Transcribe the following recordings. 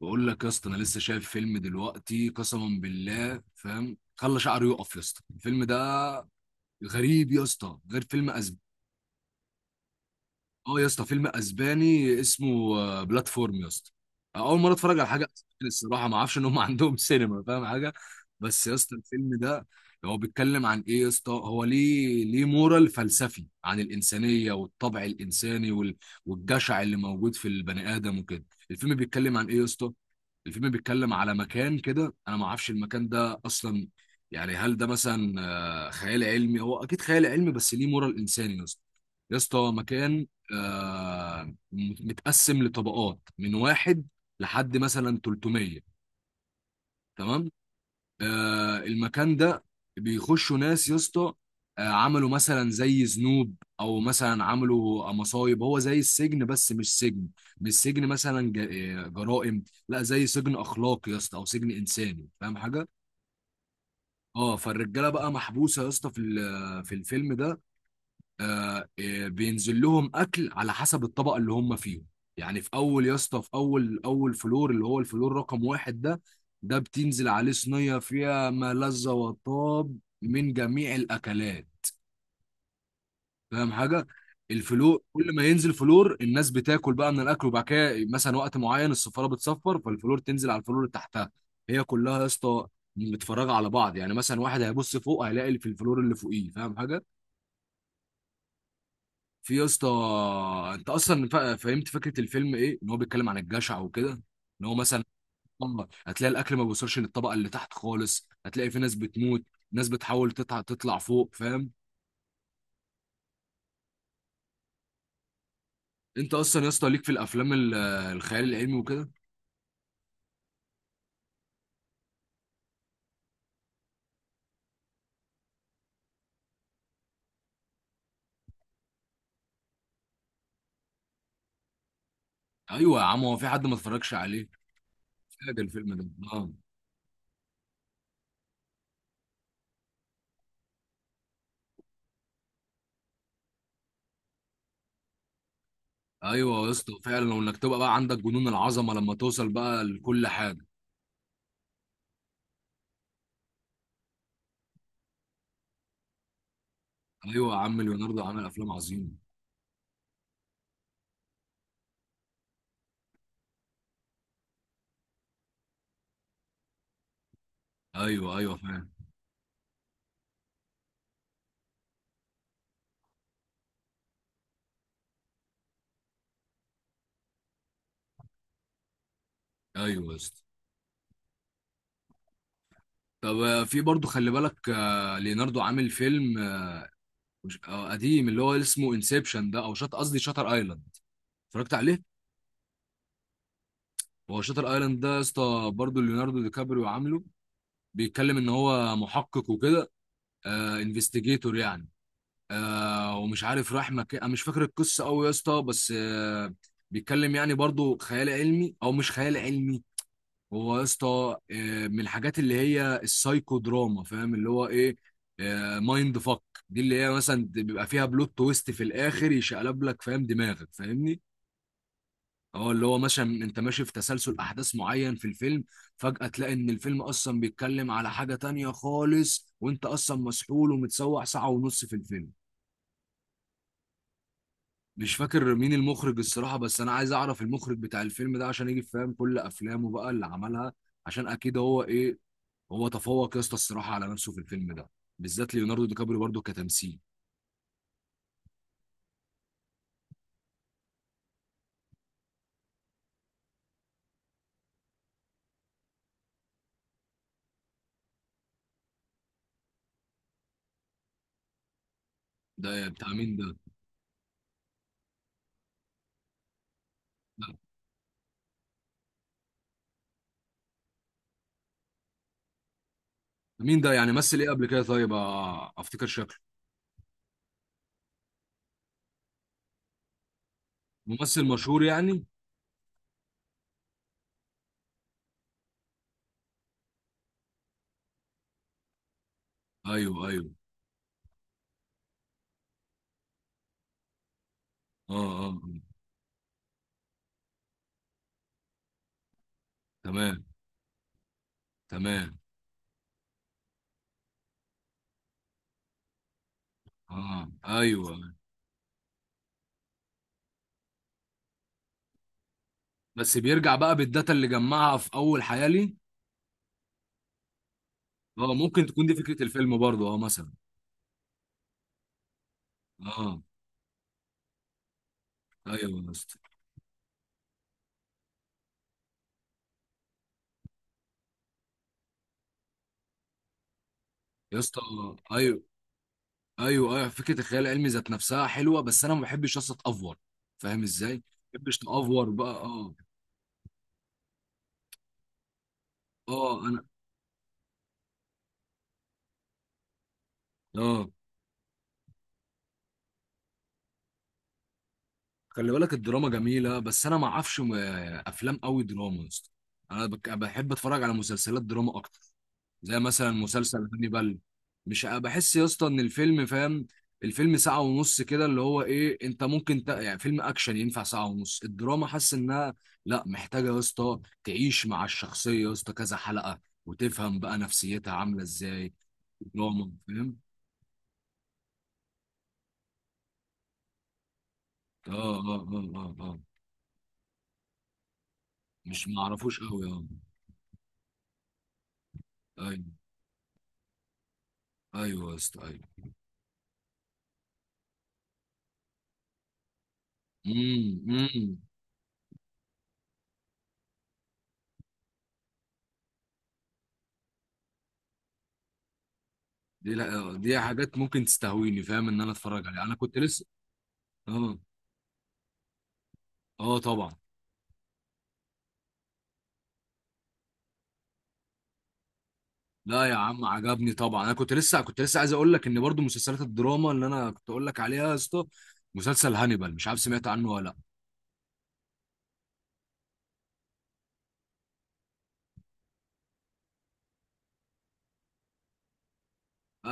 بقول لك يا اسطى، انا لسه شايف فيلم دلوقتي قسما بالله، فاهم؟ خلى شعره يقف يا اسطى، الفيلم ده غريب يا اسطى، غير فيلم. اه يا اسطى، فيلم اسباني اسمه بلاتفورم يا اسطى. اول مره اتفرج على حاجه اسباني الصراحه، ما اعرفش ان هم عندهم سينما، فاهم حاجه؟ بس يا اسطى الفيلم ده هو بيتكلم عن ايه يا اسطى؟ هو ليه مورال فلسفي عن الانسانيه والطبع الانساني والجشع اللي موجود في البني ادم وكده. الفيلم بيتكلم عن ايه يا اسطى؟ الفيلم بيتكلم على مكان كده، انا ما اعرفش المكان ده اصلا، يعني هل ده مثلا خيال علمي؟ هو اكيد خيال علمي، بس ليه مورال انساني يا اسطى. يا اسطى مكان متقسم لطبقات من واحد لحد مثلا 300، تمام. المكان ده بيخشوا ناس يا اسطى، عملوا مثلا زي ذنوب او مثلا عملوا مصايب، هو زي السجن بس مش سجن. مش سجن مثلا جرائم، لا زي سجن اخلاقي يا اسطى او سجن انساني، فاهم حاجه؟ اه، فالرجاله بقى محبوسه يا اسطى في الفيلم ده. بينزل لهم اكل على حسب الطبقه اللي هم فيهم. يعني في اول يا اسطى، في اول اول فلور اللي هو الفلور رقم واحد، ده بتنزل عليه صينيه فيها ما لذ وطاب من جميع الاكلات، فاهم حاجه؟ الفلور كل ما ينزل فلور الناس بتاكل بقى من الاكل، وبعد كده مثلا وقت معين السفاره بتصفر، فالفلور تنزل على الفلور اللي تحتها. هي كلها يا اسطى متفرجه على بعض، يعني مثلا واحد هيبص فوق هيلاقي اللي في الفلور اللي فوقيه، فاهم حاجه؟ في يا اسطى، انت اصلا فهمت فكره الفيلم ايه، ان هو بيتكلم عن الجشع وكده، ان هو مثلا هتلاقي الاكل ما بيوصلش للطبقه اللي تحت خالص، هتلاقي في ناس بتموت، ناس بتحاول تطلع تطلع فوق، فاهم؟ انت اصلا يا اسطى ليك في الافلام الخيال العلمي وكده؟ ايوه يا عم، هو في حد ما اتفرجش عليه فاجئ الفيلم ده؟ اه. ايوه يا اسطى فعلا، وانك تبقى بقى عندك جنون العظمه لما توصل بقى لكل حاجه. ايوه يا عم، ليوناردو عمل افلام عظيمه. ايوه ايوه فاهم. ايوه يا اسطى. طب في برضو خلي بالك، ليوناردو عامل فيلم قديم اللي هو اسمه انسبشن ده، او شط قصدي شاتر ايلاند. اتفرجت عليه؟ هو شاتر ايلاند ده يا اسطى برضو ليوناردو دي كابريو عامله، بيتكلم ان هو محقق وكده، انفستيجيتور يعني. ومش عارف راح مكان، انا مش فاكر القصه قوي يا اسطى، بس بيتكلم يعني برضو خيال علمي او مش خيال علمي. هو يا اسطى من الحاجات اللي هي السايكو دراما، فاهم اللي هو ايه؟ مايند فك. دي اللي هي مثلا بيبقى فيها بلوت تويست في الاخر يشقلب لك فاهم دماغك، فاهمني؟ اه، اللي هو مثلا انت ماشي في تسلسل احداث معين في الفيلم، فجأة تلاقي ان الفيلم اصلا بيتكلم على حاجة تانية خالص، وانت اصلا مسحول ومتسوح ساعة ونص في الفيلم. مش فاكر مين المخرج الصراحة، بس انا عايز اعرف المخرج بتاع الفيلم ده عشان يجي فاهم كل افلامه بقى اللي عملها، عشان اكيد هو ايه. هو تفوق يا اسطى الصراحه على نفسه في الفيلم ده، بالذات ليوناردو دي كابريو برضه كتمثيل. ده بتاع مين ده؟ مين ده يعني مثل ايه قبل كده؟ طيب افتكر شكله. ممثل مشهور يعني. ايوه ايوه. اه اه. آه. تمام. تمام اه ايوه. بس بيرجع بقى بالداتا اللي جمعها في اول حياه ليه؟ اه، ممكن تكون دي فكره الفيلم برضه اه مثلا. اه ايوه يا اسطى. يا اسطى ايوه ايوه. ايوه، فكره الخيال العلمي ذات نفسها حلوه، بس انا ما بحبش يا اسطى اتافور، فاهم ازاي؟ ما بحبش تافور بقى اه. اه انا اه. خلي بالك الدراما جميله، بس انا ما اعرفش افلام قوي دراما يا اسطى. انا بحب اتفرج على مسلسلات دراما اكتر، زي مثلا مسلسل هانيبال. مش أ- بحس يا اسطى ان الفيلم فاهم، الفيلم ساعه ونص كده اللي هو ايه، انت ممكن يعني فيلم اكشن ينفع ساعه ونص، الدراما حاسس انها لا، محتاجه يا اسطى تعيش مع الشخصيه يا اسطى كذا حلقه، وتفهم بقى نفسيتها عامله ازاي. دراما فاهم. اه اه اه اه. اه مش معرفوش قوي اه. أيوه. ايوه يا اسطى ايوه. امم. امم. دي لا، دي حاجات ممكن تستهويني، فاهم ان انا اتفرج عليها، انا كنت لسه. اه اه طبعا. لا يا عم عجبني طبعا، انا كنت لسه عايز اقول لك ان برضو مسلسلات الدراما اللي انا كنت اقول لك عليها يا اسطى، مسلسل هانيبال، مش عارف سمعت عنه ولا لا؟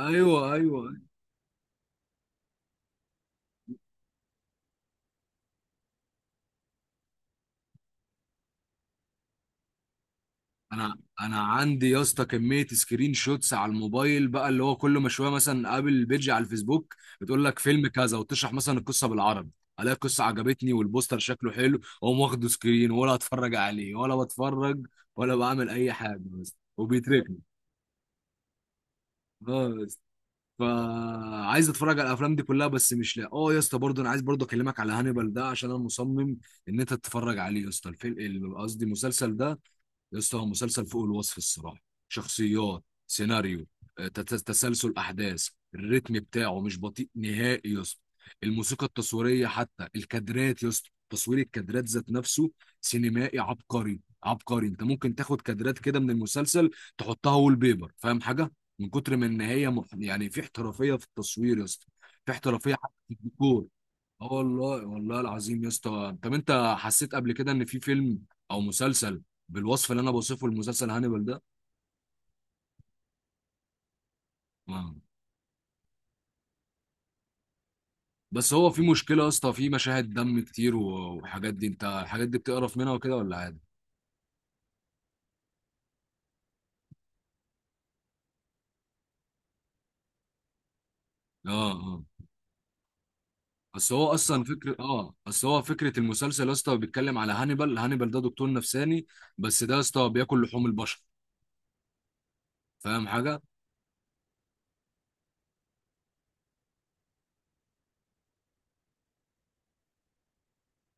ايوه ايوه. انا انا عندي يا اسطى كميه سكرين شوتس على الموبايل بقى، اللي هو كل ما شويه مثلا قابل بيج على الفيسبوك، بتقول لك فيلم كذا وتشرح مثلا القصه بالعربي، الاقي القصه عجبتني والبوستر شكله حلو، واقوم واخده سكرين، ولا اتفرج عليه ولا بتفرج ولا بعمل اي حاجه بس وبيتركني. بس فعايز اتفرج على الافلام دي كلها بس مش لاقي. اه يا اسطى برضه انا عايز برضه اكلمك على هانيبال ده، عشان انا مصمم ان انت تتفرج عليه يا اسطى، الفيلم قصدي المسلسل ده. يا اسطى هو مسلسل فوق الوصف الصراحه. شخصيات، سيناريو، تسلسل احداث، الريتم بتاعه مش بطيء نهائي يا اسطى، الموسيقى التصويريه، حتى الكادرات يا اسطى تصوير الكادرات ذات نفسه سينمائي عبقري عبقري. انت ممكن تاخد كادرات كده من المسلسل تحطها وول بيبر، فاهم حاجه؟ من كتر ما ان هي يعني في احترافيه في التصوير يا اسطى، في احترافيه حتى في الديكور. اه والله، والله العظيم يا اسطى. طب انت حسيت قبل كده ان في فيلم او مسلسل بالوصف اللي انا بوصفه المسلسل هانيبال ده؟ آه. بس هو في مشكله يا اسطى، في مشاهد دم كتير و- وحاجات دي، انت الحاجات دي بتقرف منها وكده ولا عادي؟ اه اه. بس هو اصلا فكره بس هو فكره المسلسل يا اسطى، بيتكلم على هانيبال. هانيبال ده دكتور نفساني، بس ده يا اسطى بياكل لحوم البشر، فاهم حاجه؟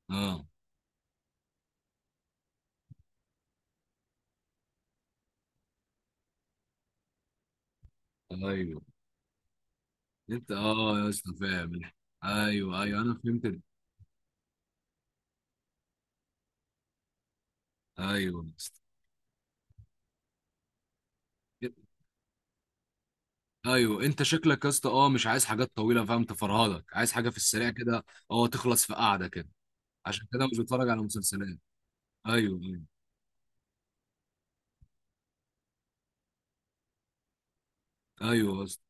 اه ايوه. انت اه يا اسطى فاهم. ايوه ايوه انا فهمت. ايوه يا اسطى ايوه. انت شكلك يا اسطى اه مش عايز حاجات طويله، فاهم، تفرهدك، عايز حاجه في السريع كده، اه تخلص في قعده كده. عشان كده مش بتفرج على مسلسلات. ايوه ايوه. ايوه يا اسطى.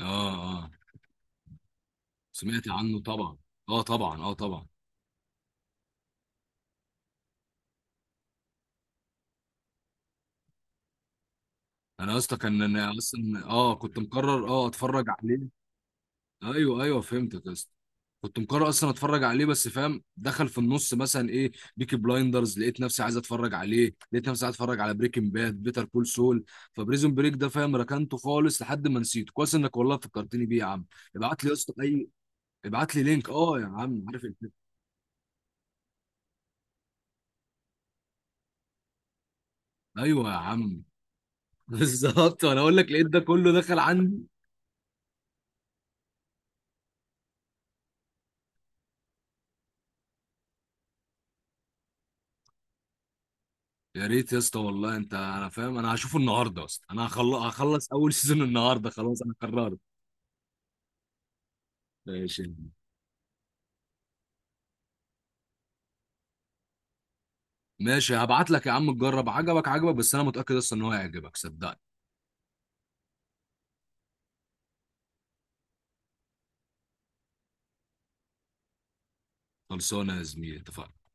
اه اه. سمعت عنه طبعا. اه طبعا اه طبعا. انا يا اسطى كان انا اصلا اه كنت مقرر اه اتفرج عليه. ايوه ايوه فهمتك يا اسطى. كنت مقرر اصلا اتفرج عليه بس فاهم، دخل في النص مثلا ايه، بيكي بلايندرز لقيت نفسي عايز اتفرج عليه، لقيت نفسي عايز اتفرج على بريكنج باد بيتر كول سول. فبريزون بريك ده فاهم ركنته خالص لحد ما نسيته، كويس انك والله فكرتني بيه يا عم. ابعت لي يا اسطى، ابعت لي لينك اه يا عم، عارف الفيلم. ايوه يا عم. بالظبط، وانا اقول لك لقيت ده كله دخل عندي. يا ريت يا اسطى والله، انا فاهم، انا هشوفه النهارده اصلا، انا هخلص اول سيزون النهارده، خلاص انا قررت. ماشي. ماشي هبعت لك يا عم تجرب، عجبك عجبك بس انا متاكد اصلا ان هو هيعجبك صدقني. خلصانه يا زميلي، اتفقنا.